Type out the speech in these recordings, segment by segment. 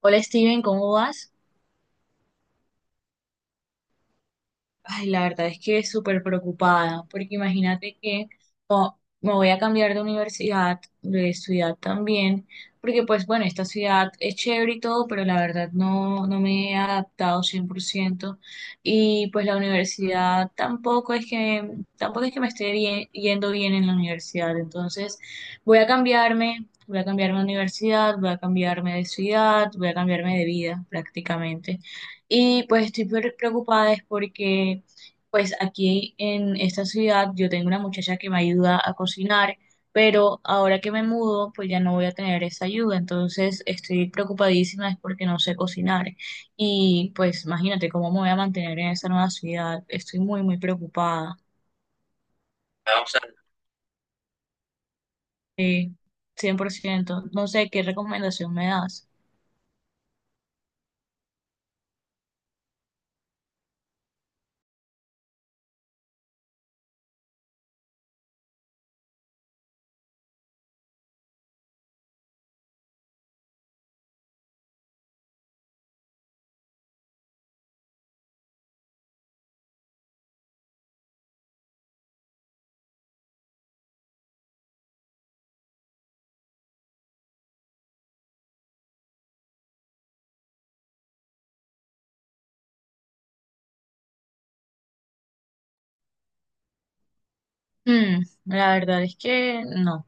Hola Steven, ¿cómo vas? Ay, la verdad es que súper preocupada, porque imagínate que, oh, me voy a cambiar de universidad, de ciudad también, porque pues bueno, esta ciudad es chévere y todo, pero la verdad no, no me he adaptado 100%, y pues la universidad tampoco es que, me esté yendo bien en la universidad. Entonces voy a cambiarme de universidad, voy a cambiarme de ciudad, voy a cambiarme de vida prácticamente. Y pues estoy preocupada es porque pues aquí en esta ciudad yo tengo una muchacha que me ayuda a cocinar, pero ahora que me mudo pues ya no voy a tener esa ayuda. Entonces estoy preocupadísima es porque no sé cocinar y pues imagínate cómo me voy a mantener en esa nueva ciudad. Estoy muy muy preocupada. Ah, o sea, sí, 100% no sé qué recomendación me das. La verdad es que no,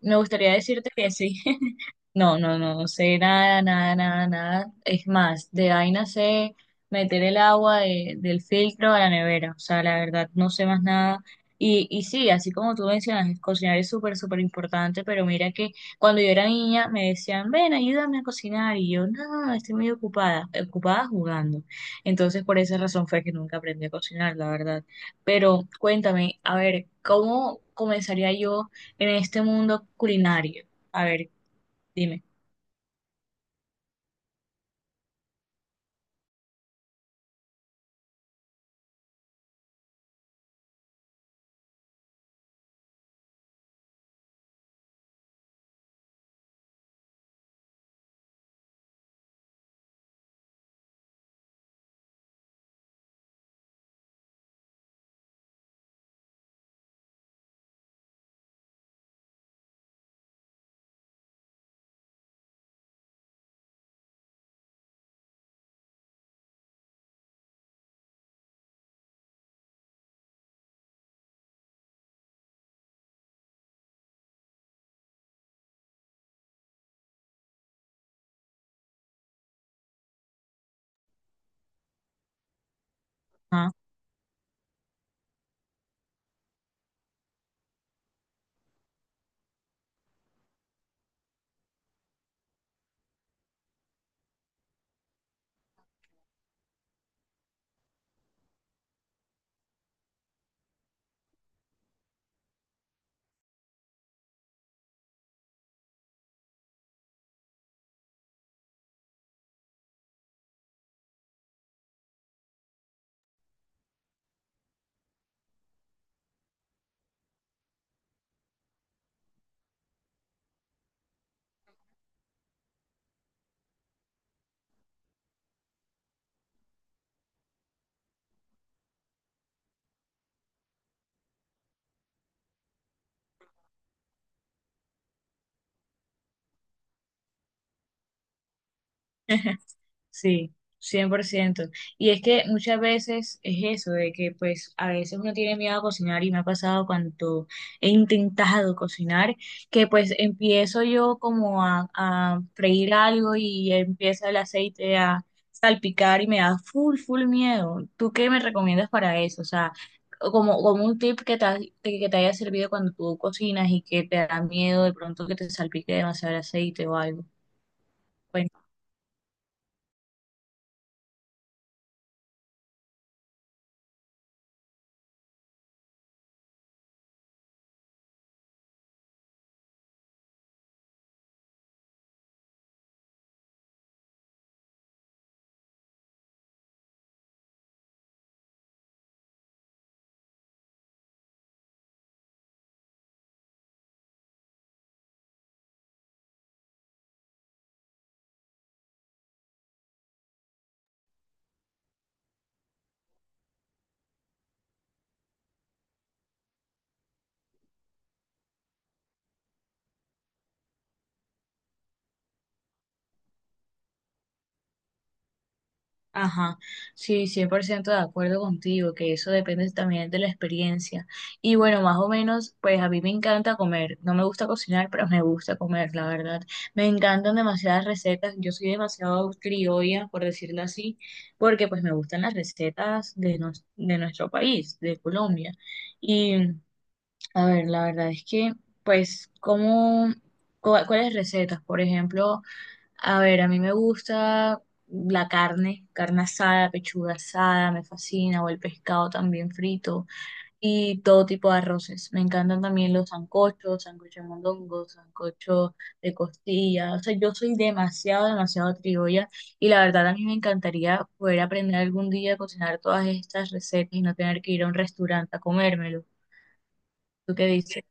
me gustaría decirte que sí. No, no, no, no sé nada, nada, nada, nada. Es más, de vaina sé meter el agua del filtro a la nevera. O sea, la verdad, no sé más nada. Y sí, así como tú mencionas, el cocinar es súper, súper importante, pero mira que cuando yo era niña me decían: ven, ayúdame a cocinar. Y yo: no, estoy muy ocupada, ocupada jugando. Entonces, por esa razón fue que nunca aprendí a cocinar, la verdad. Pero cuéntame, a ver, ¿cómo comenzaría yo en este mundo culinario? A ver, dime. Ajá. Sí, 100%. Y es que muchas veces es eso, de que pues a veces uno tiene miedo a cocinar y me ha pasado cuando he intentado cocinar, que pues empiezo yo como a freír algo y empieza el aceite a salpicar y me da full, full miedo. ¿Tú qué me recomiendas para eso? O sea, como un tip que te haya servido cuando tú cocinas y que te da miedo de pronto que te salpique demasiado el aceite o algo. Ajá, sí, 100% de acuerdo contigo, que eso depende también de la experiencia. Y bueno, más o menos, pues a mí me encanta comer. No me gusta cocinar, pero me gusta comer, la verdad. Me encantan demasiadas recetas. Yo soy demasiado criolla, por decirlo así, porque pues me gustan las recetas de nuestro país, de Colombia. Y a ver, la verdad es que, pues, cuáles recetas? Por ejemplo... A ver, a mí me gusta la carne, carne asada, pechuga asada, me fascina, o el pescado también frito, y todo tipo de arroces. Me encantan también los sancochos, sancocho de mondongo, sancocho de costilla. O sea, yo soy demasiado, demasiado criolla, y la verdad a mí me encantaría poder aprender algún día a cocinar todas estas recetas y no tener que ir a un restaurante a comérmelo. ¿Tú qué dices?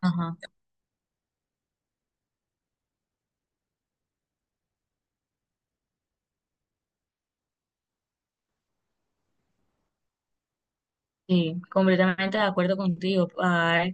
Ajá, sí, completamente de acuerdo contigo. Ah,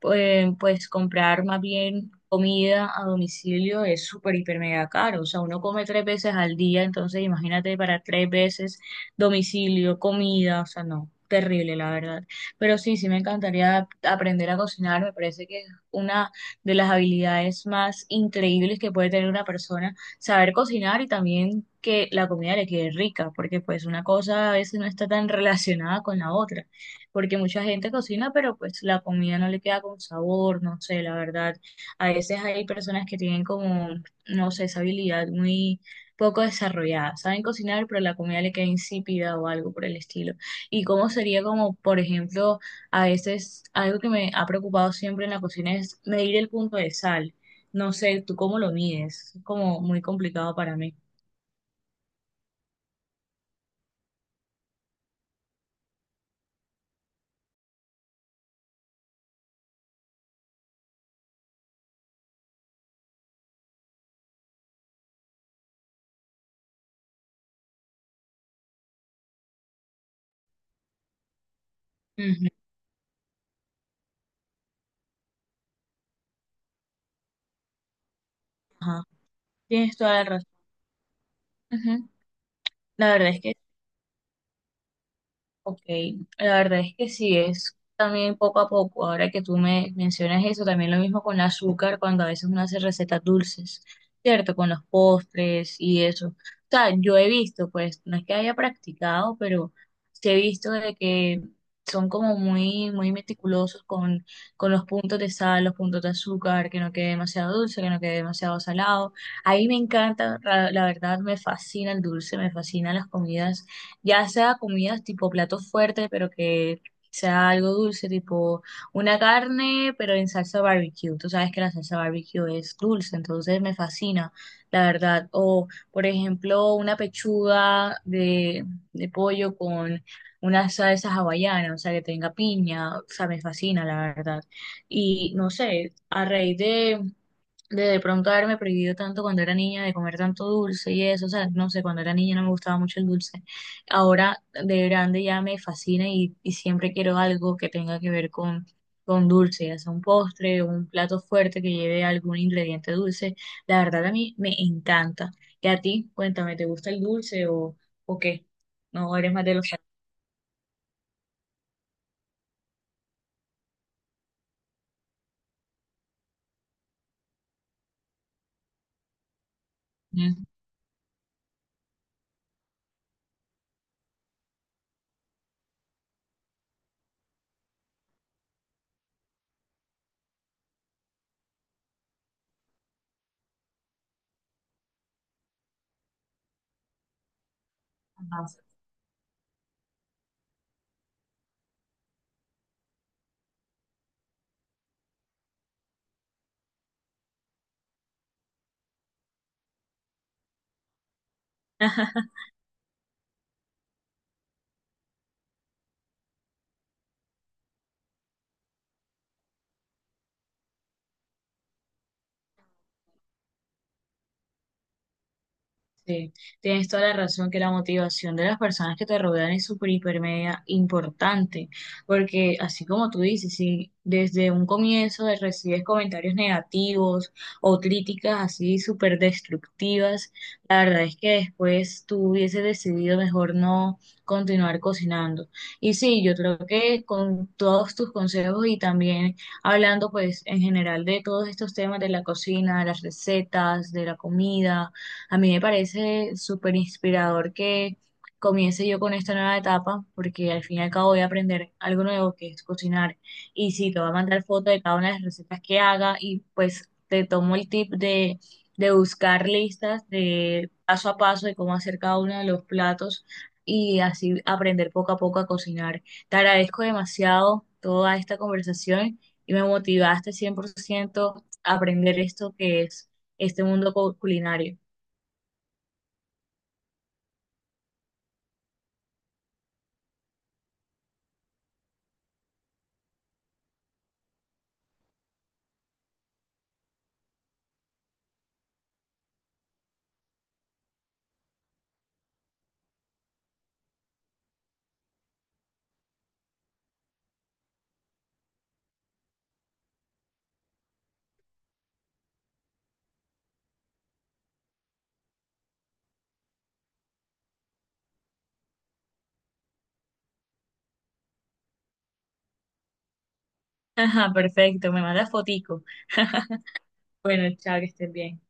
pues comprar más bien comida a domicilio es súper, hiper, mega caro. O sea, uno come tres veces al día, entonces imagínate para tres veces domicilio, comida, o sea, no, terrible, la verdad. Pero sí, sí me encantaría aprender a cocinar. Me parece que es una de las habilidades más increíbles que puede tener una persona, saber cocinar y también que la comida le quede rica, porque pues una cosa a veces no está tan relacionada con la otra, porque mucha gente cocina, pero pues la comida no le queda con sabor, no sé, la verdad. A veces hay personas que tienen como, no sé, esa habilidad muy poco desarrollada. Saben cocinar, pero la comida le queda insípida o algo por el estilo. Y cómo sería como, por ejemplo, a veces algo que me ha preocupado siempre en la cocina es medir el punto de sal. No sé, ¿tú cómo lo mides? Es como muy complicado para mí. Ujú. Ajá. Tienes toda la razón. Ujú. La verdad es que... Ok, la verdad es que sí, es también poco a poco. Ahora que tú me mencionas eso, también lo mismo con el azúcar, cuando a veces uno hace recetas dulces, ¿cierto? Con los postres y eso. O sea, yo he visto, pues, no es que haya practicado, pero sí he visto de que son como muy, muy meticulosos con, los puntos de sal, los puntos de azúcar, que no quede demasiado dulce, que no quede demasiado salado. Ahí me encanta, la verdad, me fascina el dulce, me fascinan las comidas, ya sea comidas tipo plato fuerte pero que sea algo dulce, tipo una carne, pero en salsa barbecue. Tú sabes que la salsa barbecue es dulce, entonces me fascina, la verdad. O, por ejemplo, una pechuga de pollo con una salsa hawaiana, o sea, que tenga piña, o sea, me fascina, la verdad. Y no sé, a raíz de pronto haberme prohibido tanto cuando era niña de comer tanto dulce y eso, o sea, no sé, cuando era niña no me gustaba mucho el dulce. Ahora de grande ya me fascina y siempre quiero algo que tenga que ver con, dulce, ya sea un postre o un plato fuerte que lleve algún ingrediente dulce. La verdad a mí me encanta. Y a ti, cuéntame, ¿te gusta el dulce o qué? No, ¿eres más de los salados? Sí, tienes toda la razón que la motivación de las personas que te rodean es súper, hiper, media importante, porque así como tú dices, si desde un comienzo recibes comentarios negativos o críticas así súper destructivas, la verdad es que después tú hubieses decidido mejor no continuar cocinando. Y sí, yo creo que con todos tus consejos y también hablando pues en general de todos estos temas de la cocina, de las recetas, de la comida, a mí me parece súper inspirador que comience yo con esta nueva etapa, porque al fin y al cabo voy a aprender algo nuevo que es cocinar. Y sí, te voy a mandar foto de cada una de las recetas que haga y pues te tomo el tip de buscar listas de paso a paso de cómo hacer cada uno de los platos y así aprender poco a poco a cocinar. Te agradezco demasiado toda esta conversación y me motivaste 100% a aprender esto que es este mundo culinario. Ajá, perfecto, me manda fotico. Bueno, chao, que estén bien.